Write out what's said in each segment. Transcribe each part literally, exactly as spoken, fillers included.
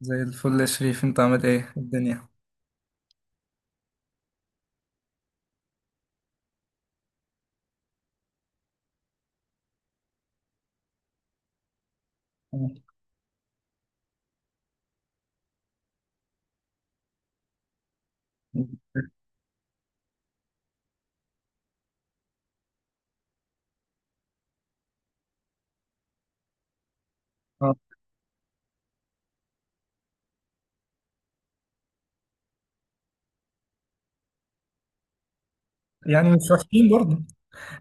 زي الفل يا شريف، انت عامل ايه الدنيا؟ اه، يعني مش وحشين برضه.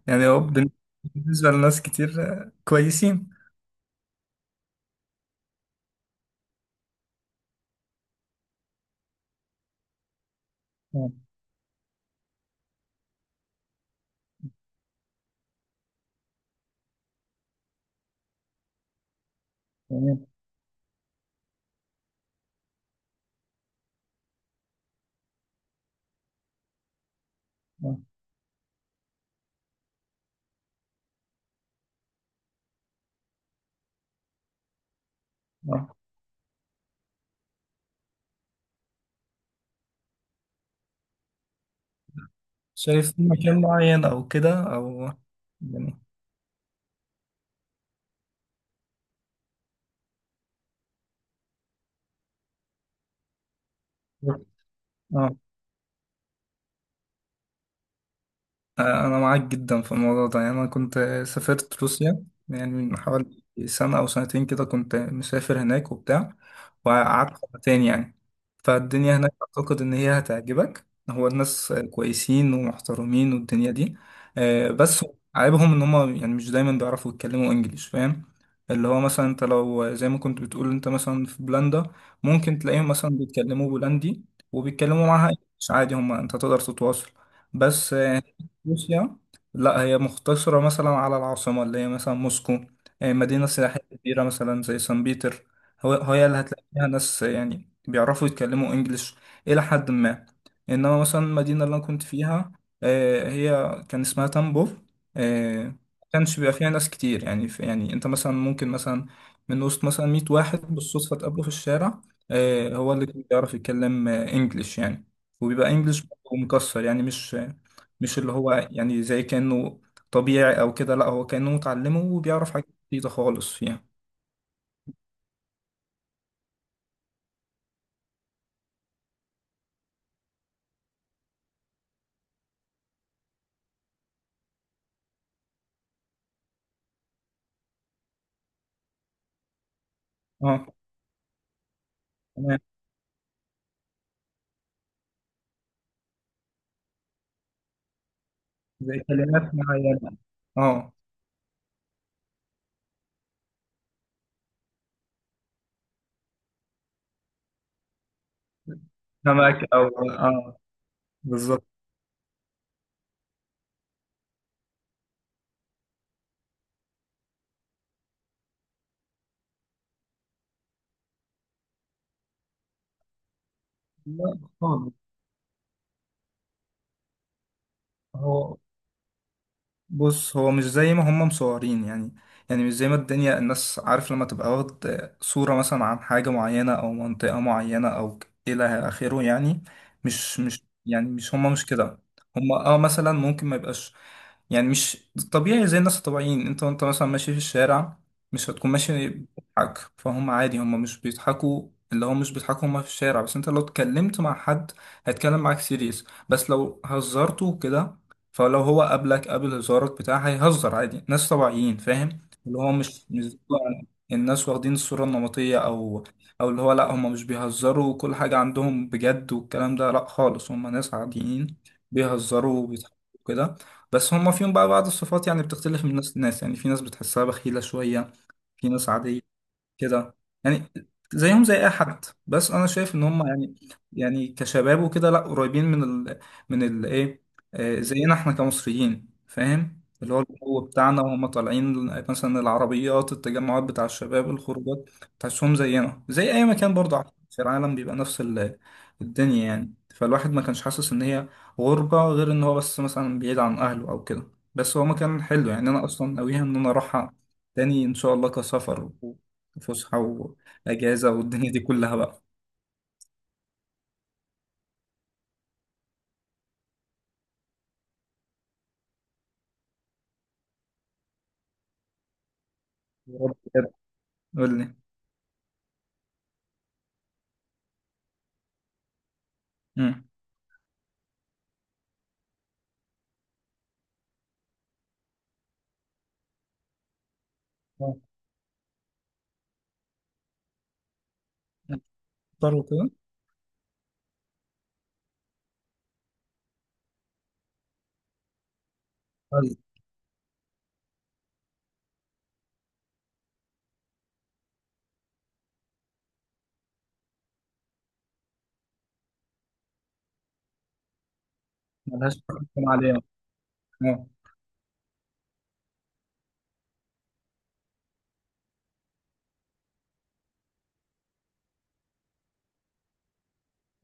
يعني هو بن- بالنسبة لناس كتير، آه، كويسين. اه، تمام. اه، اه، شايف في مكان معين او كده، او يعني اه؟ أنا معاك جدا في الموضوع ده، يعني أنا كنت سافرت روسيا يعني من حوالي سنة أو سنتين كده، كنت مسافر هناك وبتاع. وقعدت سنتين يعني، فالدنيا هناك أعتقد إن هي هتعجبك. هو الناس كويسين ومحترمين والدنيا دي، آه، بس عيبهم إن هما يعني مش دايما بيعرفوا يتكلموا إنجليش، فاهم؟ اللي هو مثلا أنت لو زي ما كنت بتقول أنت مثلا في بولندا، ممكن تلاقيهم مثلا بيتكلموا بولندي، وبيتكلموا معاها إنجليش عادي، هما أنت تقدر تتواصل. بس روسيا لا، هي مختصرة مثلا على العاصمة اللي هي مثلا موسكو، آه، مدينة سياحية كبيرة مثلا زي سان بيتر. هو هي اللي هتلاقي فيها ناس يعني بيعرفوا يتكلموا انجليش إلى حد ما. إنما مثلا المدينة اللي أنا كنت فيها، آه، هي كان اسمها تامبوف. آه، ما كانش بيبقى فيها ناس كتير يعني، في يعني أنت مثلا ممكن مثلا من وسط مثلا 100 واحد بالصدفة تقابله في الشارع، آه، هو اللي كان بيعرف يتكلم آه، انجليش يعني. وبيبقى انجليش مكسر يعني، مش مش اللي هو يعني زي كأنه طبيعي أو كده، لأ، هو كأنه متعلمه وبيعرف حاجات جديدة خالص فيها. اه، تمام. زي كلمات معينة. اه. سمك أو اه. بالظبط. لا خالص، هو بص، هو مش زي ما هم مصورين يعني، يعني مش زي ما الدنيا، الناس عارف لما تبقى واخد صورة مثلا عن حاجة معينة أو منطقة معينة أو إلى آخره يعني. مش مش يعني مش هم مش كده. هم اه مثلا ممكن ما يبقاش، يعني مش طبيعي زي الناس الطبيعيين. انت وانت مثلا ماشي في الشارع، مش هتكون ماشي بتضحك، فهم عادي هم مش بيضحكوا، اللي هو مش بيضحكوا هم في الشارع. بس انت لو اتكلمت مع حد هيتكلم معاك سيريس، بس لو هزرته كده، فلو هو قابلك قابل هزارك بتاع، هيهزر عادي، ناس طبيعيين فاهم. اللي هو مش مش زي بقى الناس واخدين الصورة النمطية او او اللي هو لا، هم مش بيهزروا وكل حاجة عندهم بجد والكلام ده، لا خالص. هم ناس عاديين بيهزروا وبيضحكوا كده. بس هم فيهم بقى بعض الصفات يعني بتختلف من ناس لناس. يعني في ناس بتحسها بخيلة شوية، في ناس عادية كده، يعني زيهم زي اي حد. بس انا شايف ان هم يعني، يعني كشباب وكده لا، قريبين من ال من ال ايه آه، زينا احنا كمصريين، فاهم اللي هو الجو بتاعنا. وهم طالعين مثلا العربيات، التجمعات بتاع الشباب، الخروجات، تحسهم زينا زي اي مكان برضه على فكرة في العالم، بيبقى نفس ال- الدنيا يعني. فالواحد ما كانش حاسس ان هي غربة، غير ان هو بس مثلا بعيد عن اهله او كده. بس هو مكان حلو يعني، انا اصلا ناويها ان انا اروحها تاني ان شاء الله، كسفر، فسحة، وأجازة والدنيا دي كلها بقى. يا رب كده. قول لي. مم. آه. اختار وكده. طيب. ملهاش تحكم عليها. اه،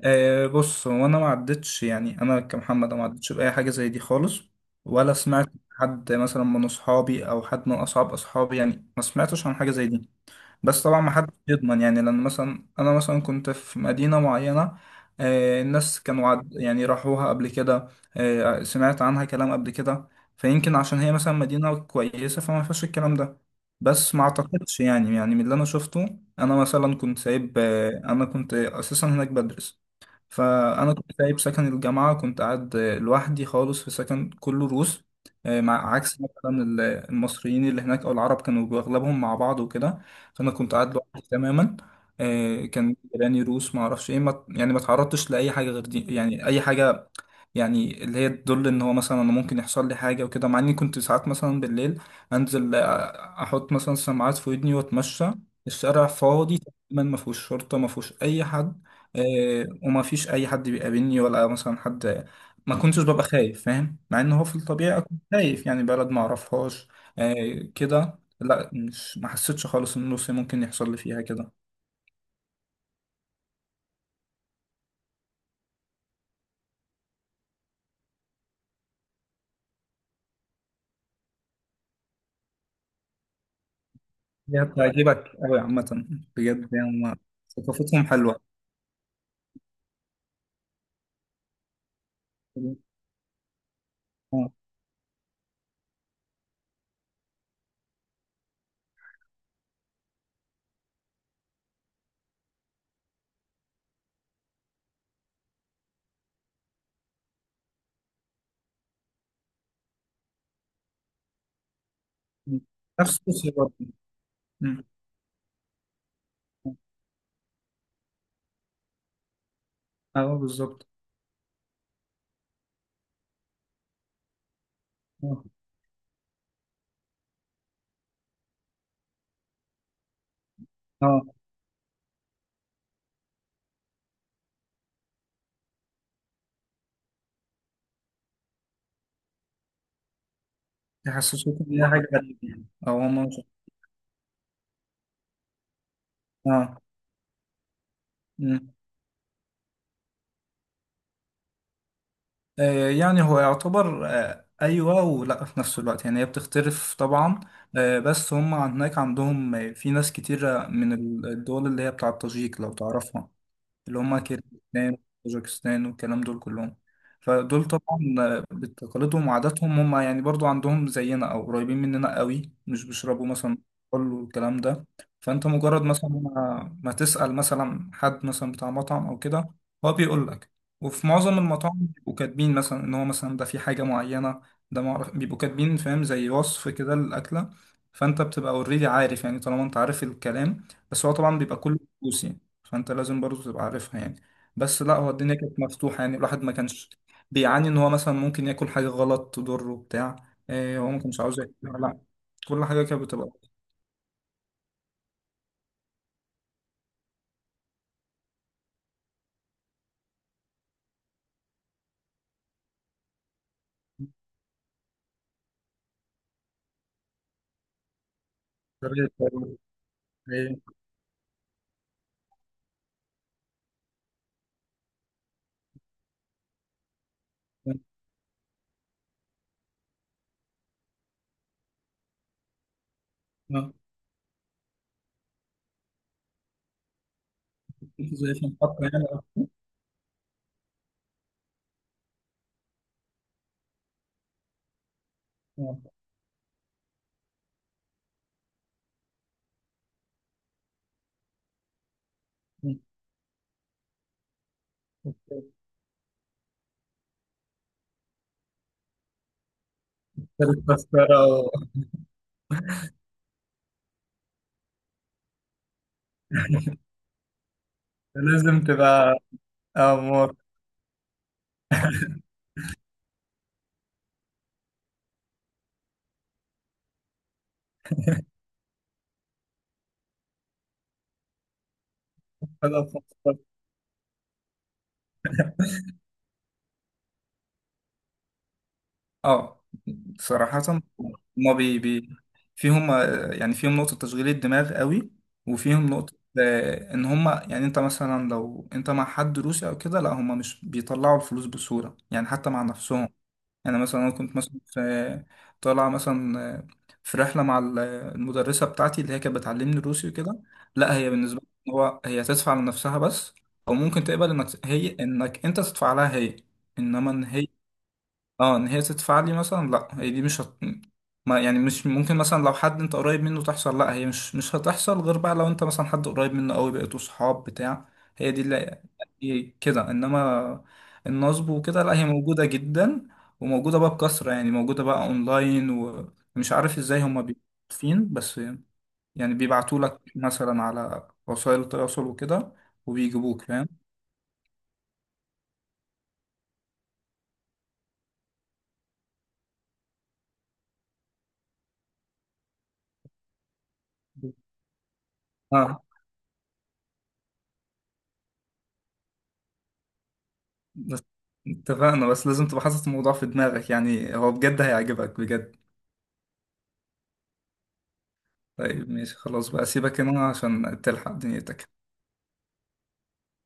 آه، بص، هو انا ما عدتش يعني، انا كمحمد، أنا ما عدتش باي حاجه زي دي خالص، ولا سمعت حد مثلا من اصحابي او حد من اصحاب اصحابي يعني، ما سمعتش عن حاجه زي دي. بس طبعا ما حدش يضمن يعني، لان مثلا انا مثلا كنت في مدينه معينه، آه، الناس كانوا عد يعني راحوها قبل كده، آه، سمعت عنها كلام قبل كده، فيمكن عشان هي مثلا مدينه كويسه فما فيهاش الكلام ده. بس ما اعتقدش يعني، يعني من اللي انا شفته، انا مثلا كنت سايب آه، انا كنت اساسا هناك بدرس، فانا كنت سايب سكن الجامعه، كنت قاعد آه، لوحدي خالص في سكن كله روس، آه، مع عكس مثلا ال- المصريين اللي هناك او العرب، كانوا اغلبهم مع بعض وكده. فانا كنت قاعد لوحدي تماما، آه، كان جيراني روس، ما اعرفش ايه، ما يعني ما تعرضتش لاي حاجه غير دي يعني، اي حاجه يعني اللي هي تدل ان هو مثلا انا ممكن يحصل لي حاجه وكده. مع اني كنت ساعات مثلا بالليل انزل آه، احط مثلا سماعات في ودني واتمشى، الشارع فاضي تماما، ما فيهوش شرطه، ما فيهوش اي حد، آه، وما فيش اي حد بيقابلني ولا مثلا حد، ما كنتش ببقى خايف فاهم، مع ان هو في الطبيعي اكون خايف يعني بلد ما اعرفهاش. آه، كده لا، مش، ما حسيتش خالص ان روسيا ممكن يحصل لي فيها كده. هي بتعجبك قوي عامه، بجد يعني، هما ثقافتهم حلوه. آه. نفس روسيا برضه. مم. اه، بالظبط. اه. آه. يحسسوك ان هي حاجه غريبه يعني، او هما مش- اه. مم. آه، يعني هو يعتبر آه، أيوة، ولا في نفس الوقت يعني هي بتختلف طبعا. آه، بس هم هناك عندهم آه، في ناس كتيرة من الدول اللي هي بتاعة تاجيك لو تعرفها، اللي هما كيرغيزستان، طاجيكستان والكلام دول كلهم. فدول طبعا آه، بتقاليدهم وعاداتهم هما يعني برضو عندهم زينا أو قريبين مننا قوي، مش بيشربوا مثلا كحول والكلام ده. فأنت مجرد مثلا ما ما تسأل مثلا حد مثلا بتاع مطعم أو كده، هو بيقول لك. وفي معظم المطاعم بيبقوا كاتبين مثلا إن هو مثلا ده في حاجة معينة، ده معرف، بيبقوا كاتبين فاهم، زي وصف كده للأكلة. فأنت بتبقى اوريدي عارف يعني، طالما أنت عارف الكلام، بس هو طبعا بيبقى كله فلوس يعني. فانت لازم برضه تبقى عارفها يعني. بس لا، هو الدنيا كانت مفتوحة يعني، الواحد ما كانش بيعاني ان هو مثلا ممكن ياكل حاجة غلط تضره بتاع، إيه، هو ما كانش عاوز ياكلها لا، كل حاجة كانت بتبقى. طريقة برضه. إيه. آه. زي في المحطة يعني. آه. التذكرة. لازم تبقى. أمور. اه. صراحة، هما بي بي فيهم آه، يعني فيهم نقطة تشغيل الدماغ قوي، وفيهم نقطة آه، إن هما يعني أنت مثلا لو أنت مع حد روسي أو كده، لا هما مش بيطلعوا الفلوس بسهولة يعني حتى مع نفسهم. يعني مثلا أنا كنت مثلا في، طالع مثلا آه، في رحلة مع ال- آه، المدرسة بتاعتي اللي هي كانت بتعلمني روسي وكده، لا هي بالنسبة لي هو، هي تدفع لنفسها بس، أو ممكن تقبل إنك هي إنك أنت تدفع لها هي، إنما إن هي، اه، ان هي تدفع لي مثلا لا، هي دي مش هت... ما يعني مش ممكن مثلا لو حد انت قريب منه تحصل لا، هي مش مش هتحصل غير بقى لو انت مثلا حد قريب منه قوي، بقيتوا صحاب بتاع، هي دي اللي هي كده. انما النصب وكده لا، هي موجودة جدا وموجودة بقى بكثرة يعني، موجودة بقى اونلاين ومش عارف ازاي هما بيفين. بس يعني بيبعتوا لك مثلا على وسائل التواصل وكده وبيجيبوك فاهم. اه بس، اتفقنا، بس لازم تبقى حاطط الموضوع في دماغك يعني، هو بجد هيعجبك بجد. طيب ماشي، خلاص بقى سيبك هنا عشان تلحق دنيتك.